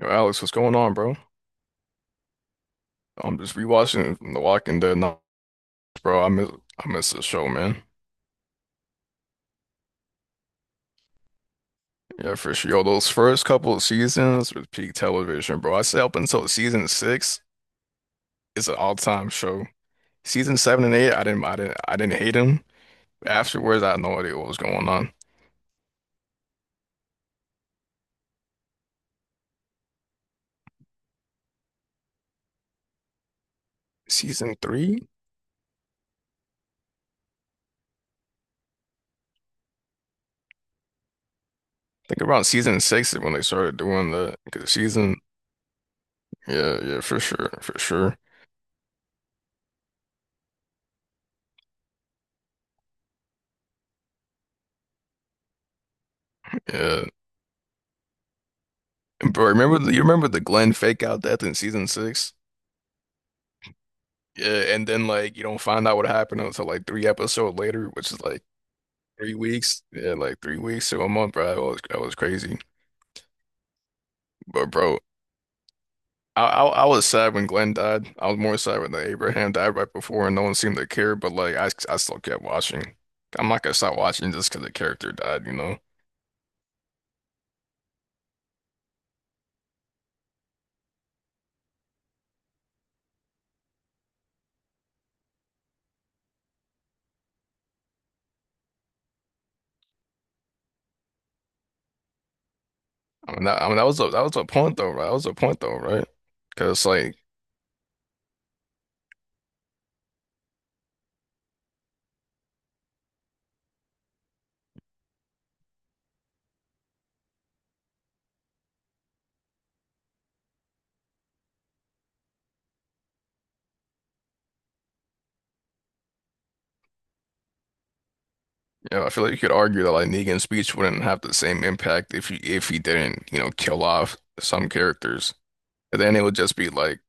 Yo, Alex, what's going on, bro? I'm just rewatching The Walking Dead now, bro. I miss the show, man. Yeah, for sure. Yo, those first couple of seasons was peak television, bro. I say up until season six, it's an all-time show. Season seven and eight, I didn't hate them. Afterwards, I had no idea what was going on. Season three? I think around season six is when they started doing the 'cause season. Yeah, yeah, for sure, for sure. Yeah. Bro, remember you remember the Glenn fake out death in season six? Yeah, and then like you don't find out what happened until like three episodes later, which is like 3 weeks. Yeah, like 3 weeks to a month, bro. That was crazy. But bro, I was sad when Glenn died. I was more sad when the Abraham died right before, and no one seemed to care. But like I still kept watching. I'm not gonna stop watching just because the character died, you know. I mean that was a point though, right? That was a point though, right? Because like you know, I feel like you could argue that like Negan's speech wouldn't have the same impact if he didn't kill off some characters. And then it would just be like,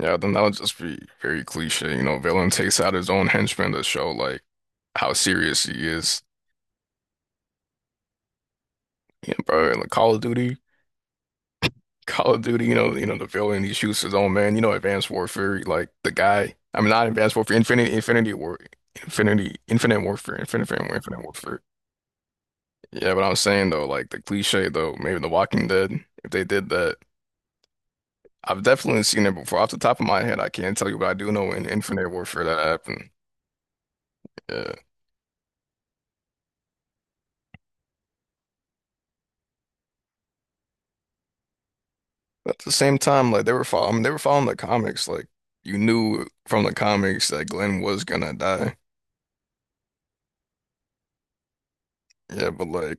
yeah, then that would just be very cliche. You know, villain takes out his own henchman to show like how serious he is. You know, bro, in the Call of Duty, you know, the villain, he shoots his own man. You know, Advanced Warfare, like the guy, I mean, not Advanced Warfare, Infinity, Infinity War, Infinity, Infinite Warfare, Infinite, Warfare, Infinite Warfare. Yeah, but I'm saying though, like the cliche though, maybe The Walking Dead, if they did that, I've definitely seen it before. Off the top of my head, I can't tell you, but I do know in Infinite Warfare that happened. Yeah. But at the same time, like they were following, I mean, they were following the comics. Like you knew from the comics that Glenn was gonna die. Yeah, but like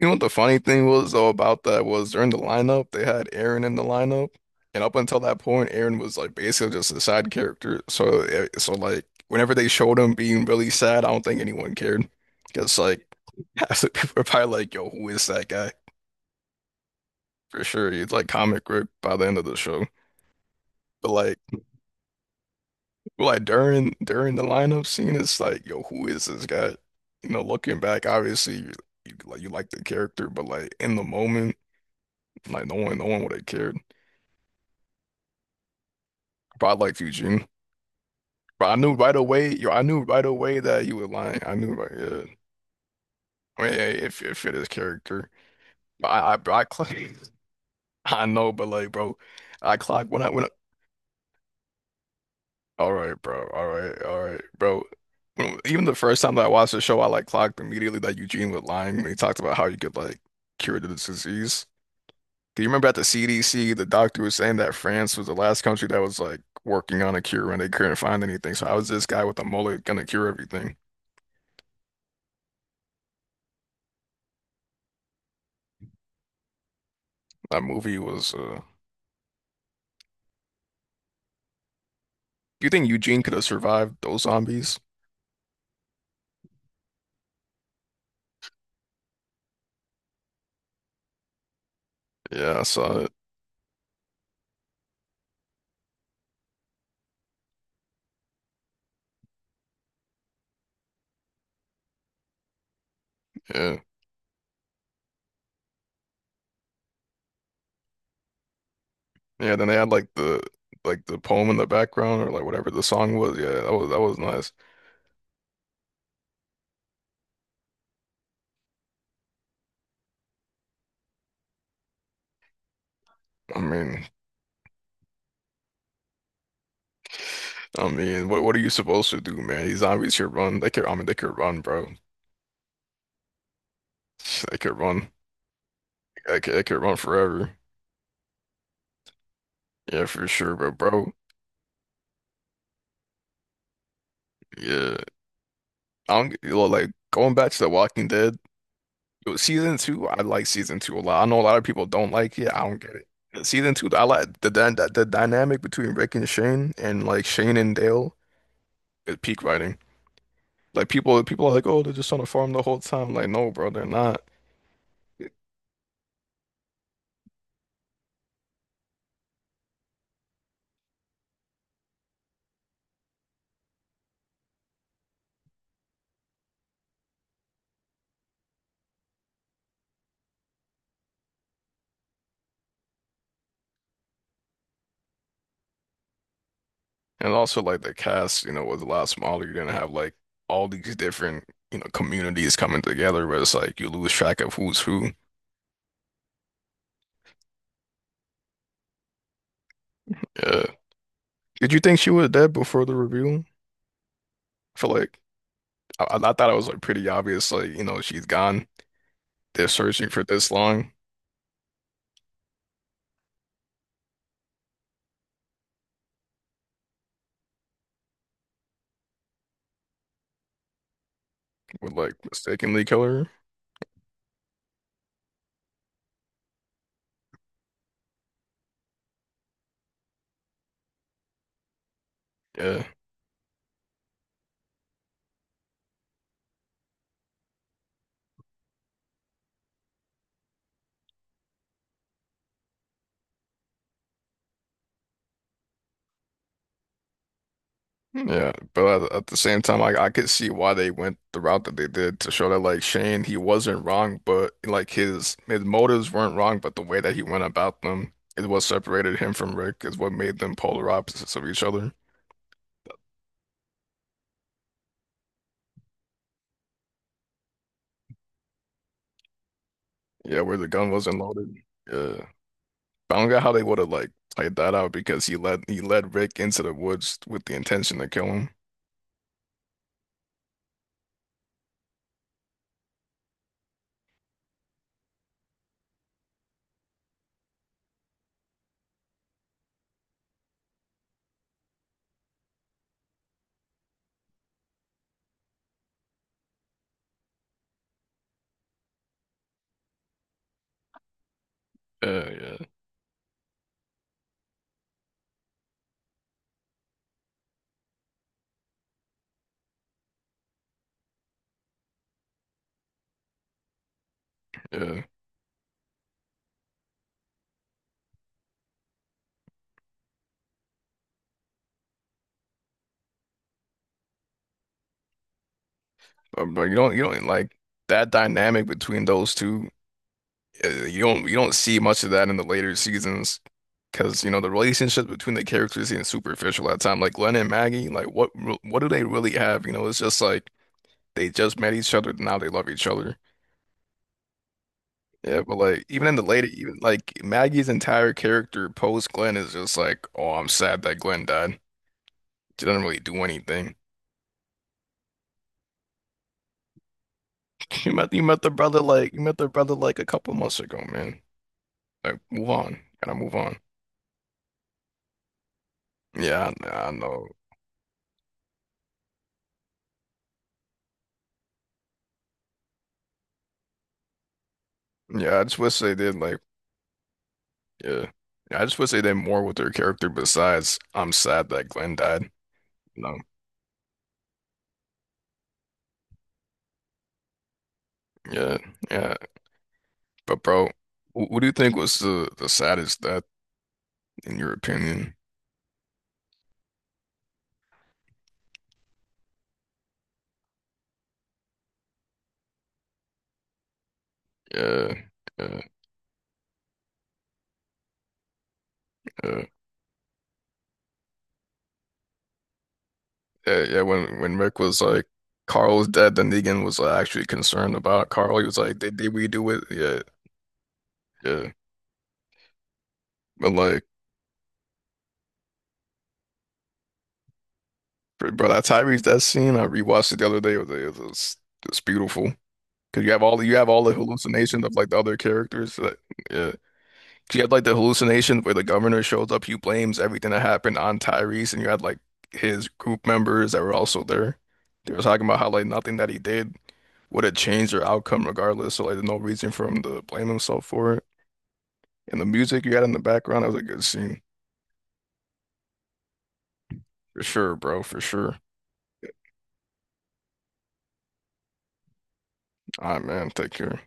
you know what the funny thing was though about that was during the lineup they had Aaron in the lineup, and up until that point, Aaron was like basically just a side character. So eh, so like whenever they showed him being really sad, I don't think anyone cared because like half the people were probably like, "Yo, who is that guy?" For sure, he's like comic grip by the end of the show. But like. Like during the lineup scene, it's like, yo, who is this guy? You know, looking back, obviously, you like the character, but like in the moment, like no one would have cared. But I liked Eugene, but I knew right away, yo, I knew right away that he was lying. I knew right, yeah. I mean, it fit his character. But I clocked, I know, but like, bro, I clocked when I. All right, bro. All right, bro. When- Even the first time that I watched the show, I like clocked immediately that Eugene was lying when he talked about how you could like cure the disease. Do you remember at the CDC, the doctor was saying that France was the last country that was like working on a cure and they couldn't find anything. So how is this guy with a mullet gonna cure everything? That movie was, do you think Eugene could have survived those zombies? Yeah, I saw it. Yeah. Yeah, then they had like the poem in the background or like whatever the song was. Yeah, that was nice. I mean, I mean, what are you supposed to do, man? These zombies could run. They could, I mean, they could run, bro. They could run. They could run forever. Yeah, for sure. But bro, yeah, I don't get- well, like going back to The Walking Dead yo, season two. I like season two a lot. I know a lot of people don't like it. I don't get it. Season two, I like the dy- the dynamic between Rick and Shane and like Shane and Dale is peak writing. Like people, people are like, oh, they're just on a farm the whole time. Like, no, bro, they're not. And also like the cast, you know, was a lot smaller. You're gonna have like all these different, you know, communities coming together, but it's like you lose track of who's who. Yeah. Did you think she was dead before the reveal? I feel like I thought it was like pretty obvious, like, you know, she's gone. They're searching for this long would like mistakenly kill her. Yeah. Yeah, but at the same time, I could see why they went the route that they did to show that like Shane, he wasn't wrong, but like his motives weren't wrong, but the way that he went about them is what separated him from Rick, is what made them polar opposites of each other. Yeah, where the gun wasn't loaded. Yeah, but I don't get how they would have like played that out because he led Rick into the woods with the intention to kill him. Yeah, yeah, yeah. But you don't like that dynamic between those two. Uh, you don't see much of that in the later seasons because you know the relationship between the characters seems superficial at time. Like Glenn and Maggie, like what re- what do they really have? You know, it's just like they just met each other, now they love each other. Yeah, but like even in the later, even like Maggie's entire character post Glenn is just like, oh, I'm sad that Glenn died. She doesn't really do anything. You met the brother like you met the brother like a couple months ago, man. Like move on, gotta move on. Yeah, I know. Yeah, I just wish they did like. Yeah. Yeah, I just wish they did more with their character besides I'm sad that Glenn died. No. Yeah. Yeah. But bro, wh- what do you think was the saddest death in your opinion? Yeah. Yeah. Yeah. Yeah. Yeah. When Rick was like Carl was dead, then Negan was like, actually concerned about Carl. He was like, did we do it? Yeah. Yeah. But like bro, bro, that Tyrese that scene, I rewatched it the other day. It's beautiful. Cause you have all the, you have all the hallucinations of like the other characters. Like, yeah. You had like the hallucination where the governor shows up, he blames everything that happened on Tyrese, and you had like his group members that were also there. They were talking about how like nothing that he did would have changed their outcome regardless, so like there's no reason for him to blame himself for it. And the music you had in the background, that was a good scene. For sure, bro, for sure. All right, man, take care.